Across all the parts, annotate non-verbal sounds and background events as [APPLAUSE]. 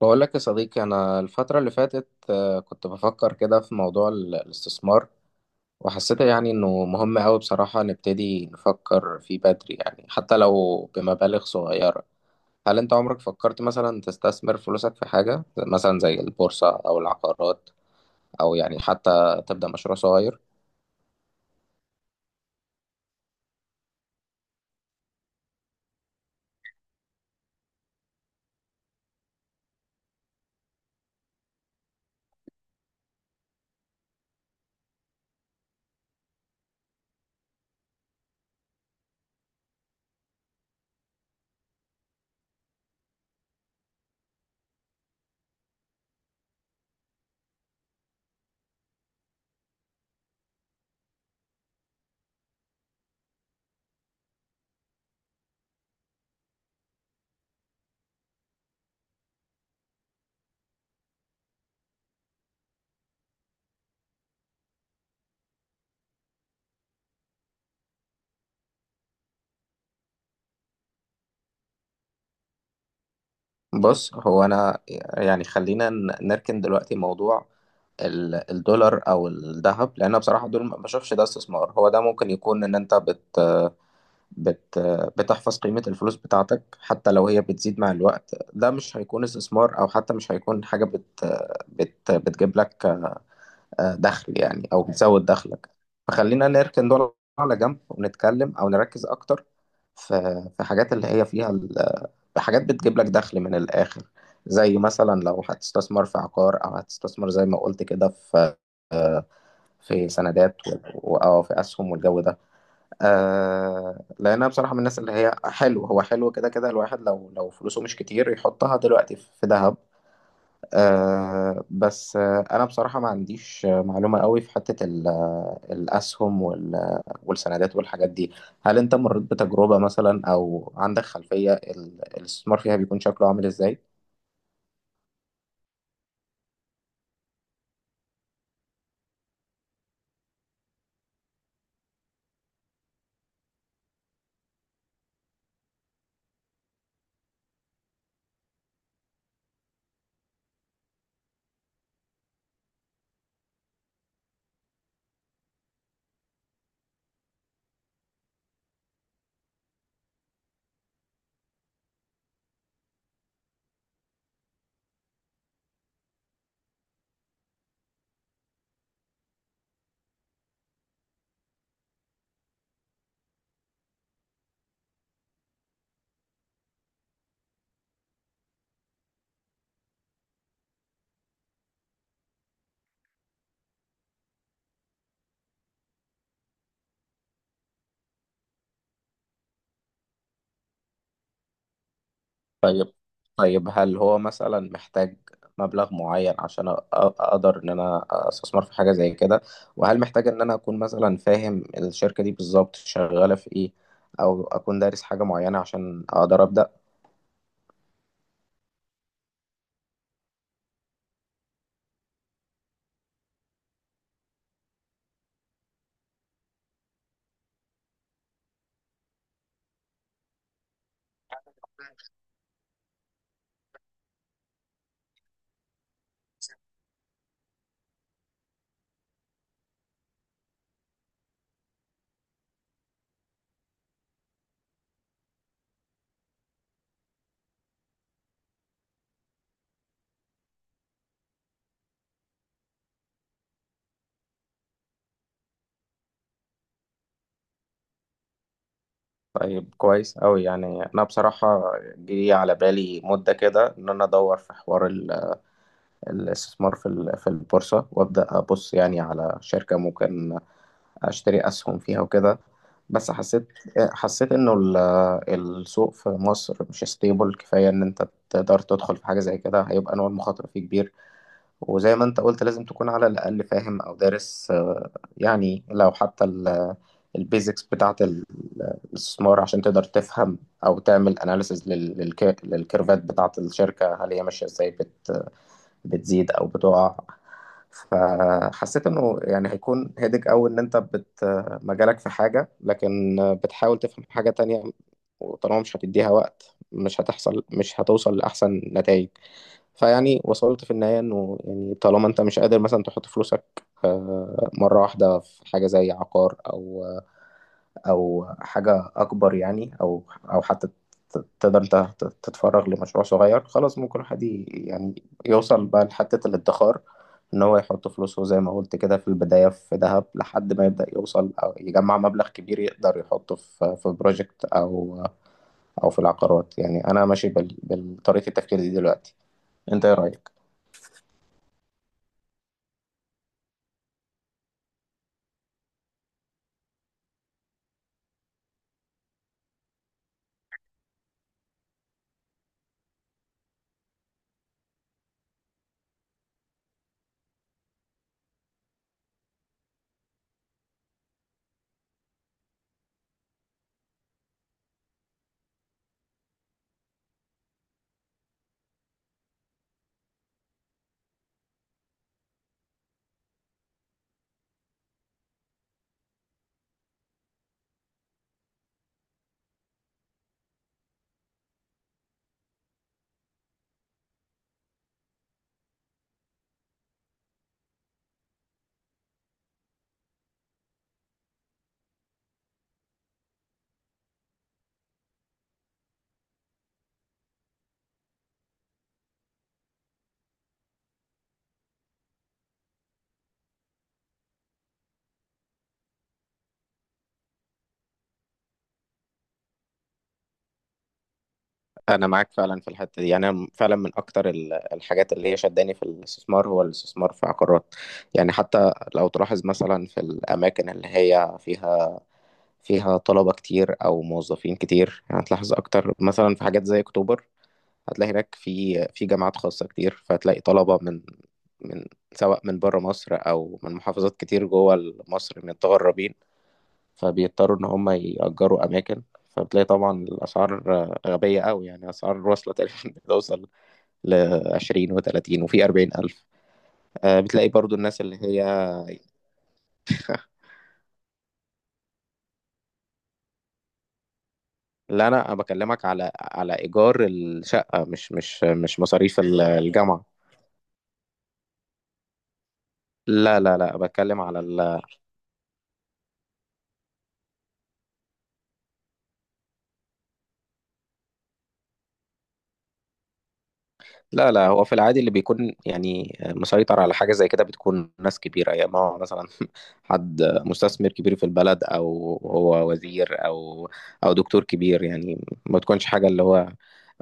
بقول لك يا صديقي، أنا الفترة اللي فاتت كنت بفكر كده في موضوع الاستثمار. وحسيت يعني إنه مهم أوي، بصراحة نبتدي نفكر فيه بدري، يعني حتى لو بمبالغ صغيرة. هل أنت عمرك فكرت مثلا تستثمر فلوسك في حاجة مثلا زي البورصة أو العقارات، أو يعني حتى تبدأ مشروع صغير؟ بص، هو أنا يعني خلينا نركن دلوقتي موضوع الدولار او الذهب، لان بصراحه دول ما بشوفش ده استثمار. هو ده ممكن يكون ان انت بت بت بتحفظ قيمة الفلوس بتاعتك حتى لو هي بتزيد مع الوقت. ده مش هيكون استثمار، أو حتى مش هيكون حاجة بت بت بتجيب لك دخل، يعني أو بتزود دخلك. فخلينا نركن دول على جنب، ونتكلم أو نركز أكتر في حاجات اللي هي فيها حاجات بتجيب لك دخل من الآخر، زي مثلا لو هتستثمر في عقار، أو هتستثمر زي ما قلت كده في، آه، في سندات أو في أسهم والجو ده. لأنها بصراحة من الناس اللي هي حلو، هو حلو كده كده، الواحد لو فلوسه مش كتير يحطها دلوقتي في ذهب. بس أنا بصراحة ما عنديش معلومة قوي في حتة الأسهم والسندات والحاجات دي. هل أنت مريت بتجربة مثلا، أو عندك خلفية الاستثمار فيها بيكون شكله عامل إزاي؟ طيب، طيب، هل هو مثلا محتاج مبلغ معين عشان اقدر ان انا استثمر في حاجه زي كده؟ وهل محتاج ان انا اكون مثلا فاهم الشركه دي بالظبط شغاله في ايه، او اكون دارس حاجه معينه عشان اقدر ابدا؟ طيب، كويس أوي. يعني انا بصراحه جه على بالي مده كده ان انا ادور في حوار الاستثمار في في البورصه، وابدا ابص يعني على شركه ممكن اشتري اسهم فيها وكده، بس حسيت انه السوق في مصر مش ستيبل كفايه ان انت تقدر تدخل في حاجه زي كده. هيبقى نوع المخاطره فيه كبير، وزي ما انت قلت لازم تكون على الاقل فاهم او دارس. يعني لو حتى البيزكس بتاعه الاستثمار، عشان تقدر تفهم او تعمل اناليسز للكيرفات بتاعه الشركه هل هي ماشيه ازاي، بتزيد او بتقع. فحسيت انه يعني هيكون هيدج قوي ان انت مجالك في حاجه، لكن بتحاول تفهم حاجه تانية، وطالما مش هتديها وقت مش هتوصل لاحسن نتائج. فيعني وصلت في النهايه انه يعني طالما انت مش قادر مثلا تحط فلوسك مره واحده في حاجه زي عقار، او حاجه اكبر يعني، او حتى تقدر انت تتفرغ لمشروع صغير، خلاص ممكن الواحد يعني يوصل بقى لحتة الادخار، إن هو يحط فلوسه زي ما قلت كده في البداية في ذهب لحد ما يبدأ يوصل أو يجمع مبلغ كبير يقدر يحطه في بروجكت أو في العقارات، يعني أنا ماشي بطريقة التفكير دي دلوقتي. أنت إيه رأيك؟ أنا معاك فعلا في الحتة دي، يعني أنا فعلا من أكتر الحاجات اللي هي شداني في الاستثمار هو الاستثمار في عقارات. يعني حتى لو تلاحظ مثلا في الأماكن اللي هي فيها طلبة كتير أو موظفين كتير، هتلاحظ أكتر مثلا في حاجات زي أكتوبر. هتلاقي هناك في جامعات خاصة كتير، فهتلاقي طلبة من سواء من بره مصر أو من محافظات كتير جوه مصر متغربين. فبيضطروا إن هم يأجروا أماكن، فبتلاقي طبعا الأسعار غبية أوي، يعني أسعار واصلة تقريبا [LAUGHS] بتوصل ل20 و30 وفي 40,000. بتلاقي برضو الناس اللي هي. لا، أنا بكلمك على إيجار الشقة، مش مصاريف الجامعة. لا، لا، لا، بتكلم على لا، لا، هو في العادي اللي بيكون يعني مسيطر على حاجة زي كده بتكون ناس كبيرة، يا ما هو مثلا [LAUGHS] حد مستثمر كبير في البلد أو هو وزير أو دكتور كبير، يعني ما تكونش حاجة اللي هو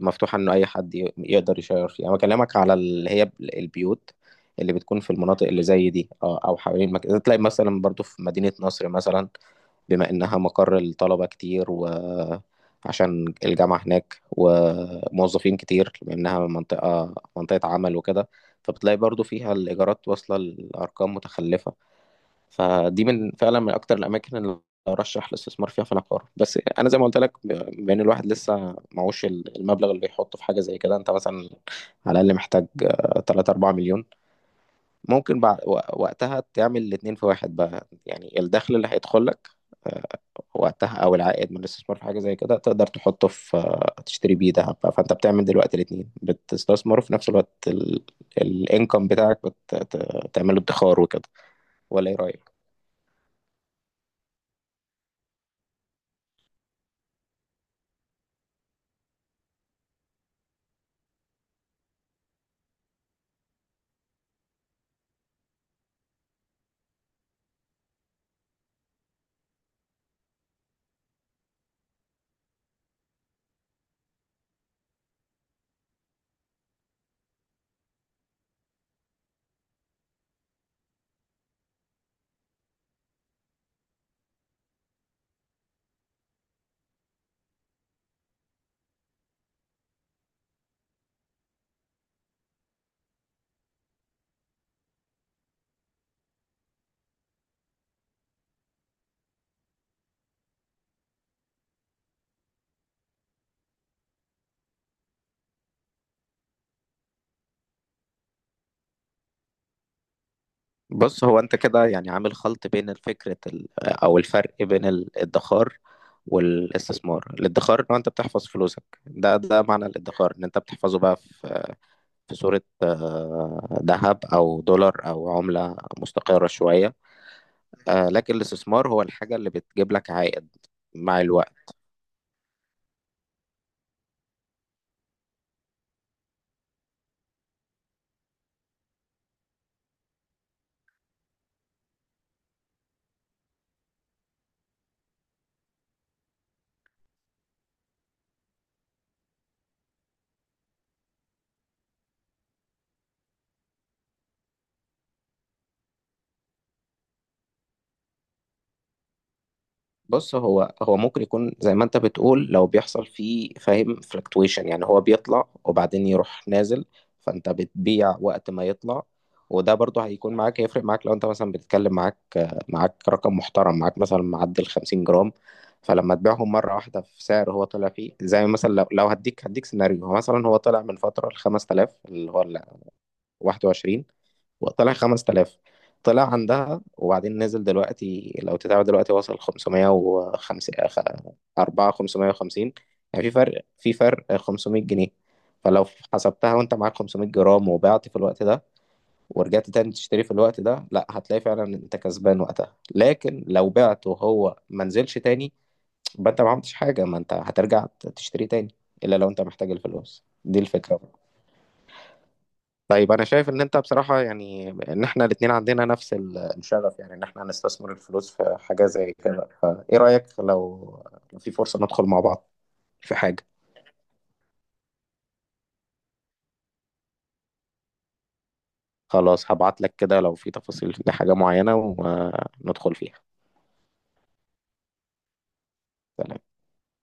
مفتوحة إنه أي حد يقدر يشير فيها. أنا بكلمك على اللي هي البيوت اللي بتكون في المناطق اللي زي دي أو حوالين المكان، تلاقي مثلا برضو في مدينة نصر مثلا، بما إنها مقر الطلبة كتير وعشان الجامعة هناك وموظفين كتير، بما إنها منطقة عمل وكده، فبتلاقي برضو فيها الإيجارات واصلة لأرقام متخلفة. فدي من فعلا من أكتر الأماكن اللي أرشح الاستثمار فيها في العقار، بس أنا زي ما قلت لك، بما إن الواحد لسه معهوش المبلغ اللي يحطه في حاجة زي كده. أنت مثلا على الأقل محتاج 3 4 مليون. ممكن بعد وقتها تعمل الاتنين في واحد بقى، يعني الدخل اللي هيدخل لك آه، وقتها، او العائد من الاستثمار في حاجه زي كده، تقدر تحطه في، تشتري بيه دهب بقى. فانت بتعمل دلوقتي الاتنين، بتستثمر وفي نفس الوقت الانكم بتاعك بتعمله ادخار وكده، ولا ايه رايك؟ بص، هو انت كده يعني عامل خلط بين الفكرة او الفرق بين الادخار والاستثمار. الادخار ان هو انت بتحفظ فلوسك، ده معنى الادخار، ان انت بتحفظه بقى في صورة ذهب أو دولار أو عملة مستقرة شوية. لكن الاستثمار هو الحاجة اللي بتجيب لك عائد مع الوقت. بص، هو ممكن يكون زي ما انت بتقول، لو بيحصل فيه فاهم فلكتويشن يعني هو بيطلع وبعدين يروح نازل، فانت بتبيع وقت ما يطلع. وده برضه هيكون معاك، هيفرق معاك لو انت مثلا بتتكلم، معاك رقم محترم، معاك مثلا معدل 50 جرام. فلما تبيعهم مرة واحدة في سعر هو طلع فيه، زي مثلا لو هديك سيناريو. هو مثلا هو طلع من فترة ل 5000، اللي هو ال 21، طلع 5000، طلع عندها، وبعدين نزل دلوقتي. لو تتابع دلوقتي وصل 505 4 550، يعني في فرق 500 جنيه. فلو حسبتها وانت معاك 500 جرام وبعت في الوقت ده، ورجعت تاني تشتري في الوقت ده، لا، هتلاقي فعلا ان انت كسبان وقتها. لكن لو بعت وهو ما نزلش تاني، يبقى انت ما عملتش حاجة، ما انت هترجع تشتري تاني، الا لو انت محتاج الفلوس دي، الفكرة. طيب، انا شايف ان انت بصراحة يعني، ان احنا الاتنين عندنا نفس الشغف، يعني ان احنا هنستثمر الفلوس في حاجة زي كده، فايه رأيك لو في فرصة ندخل مع بعض في حاجة. خلاص، هبعت لك كده لو في تفاصيل لحاجة معينة، وندخل فيها.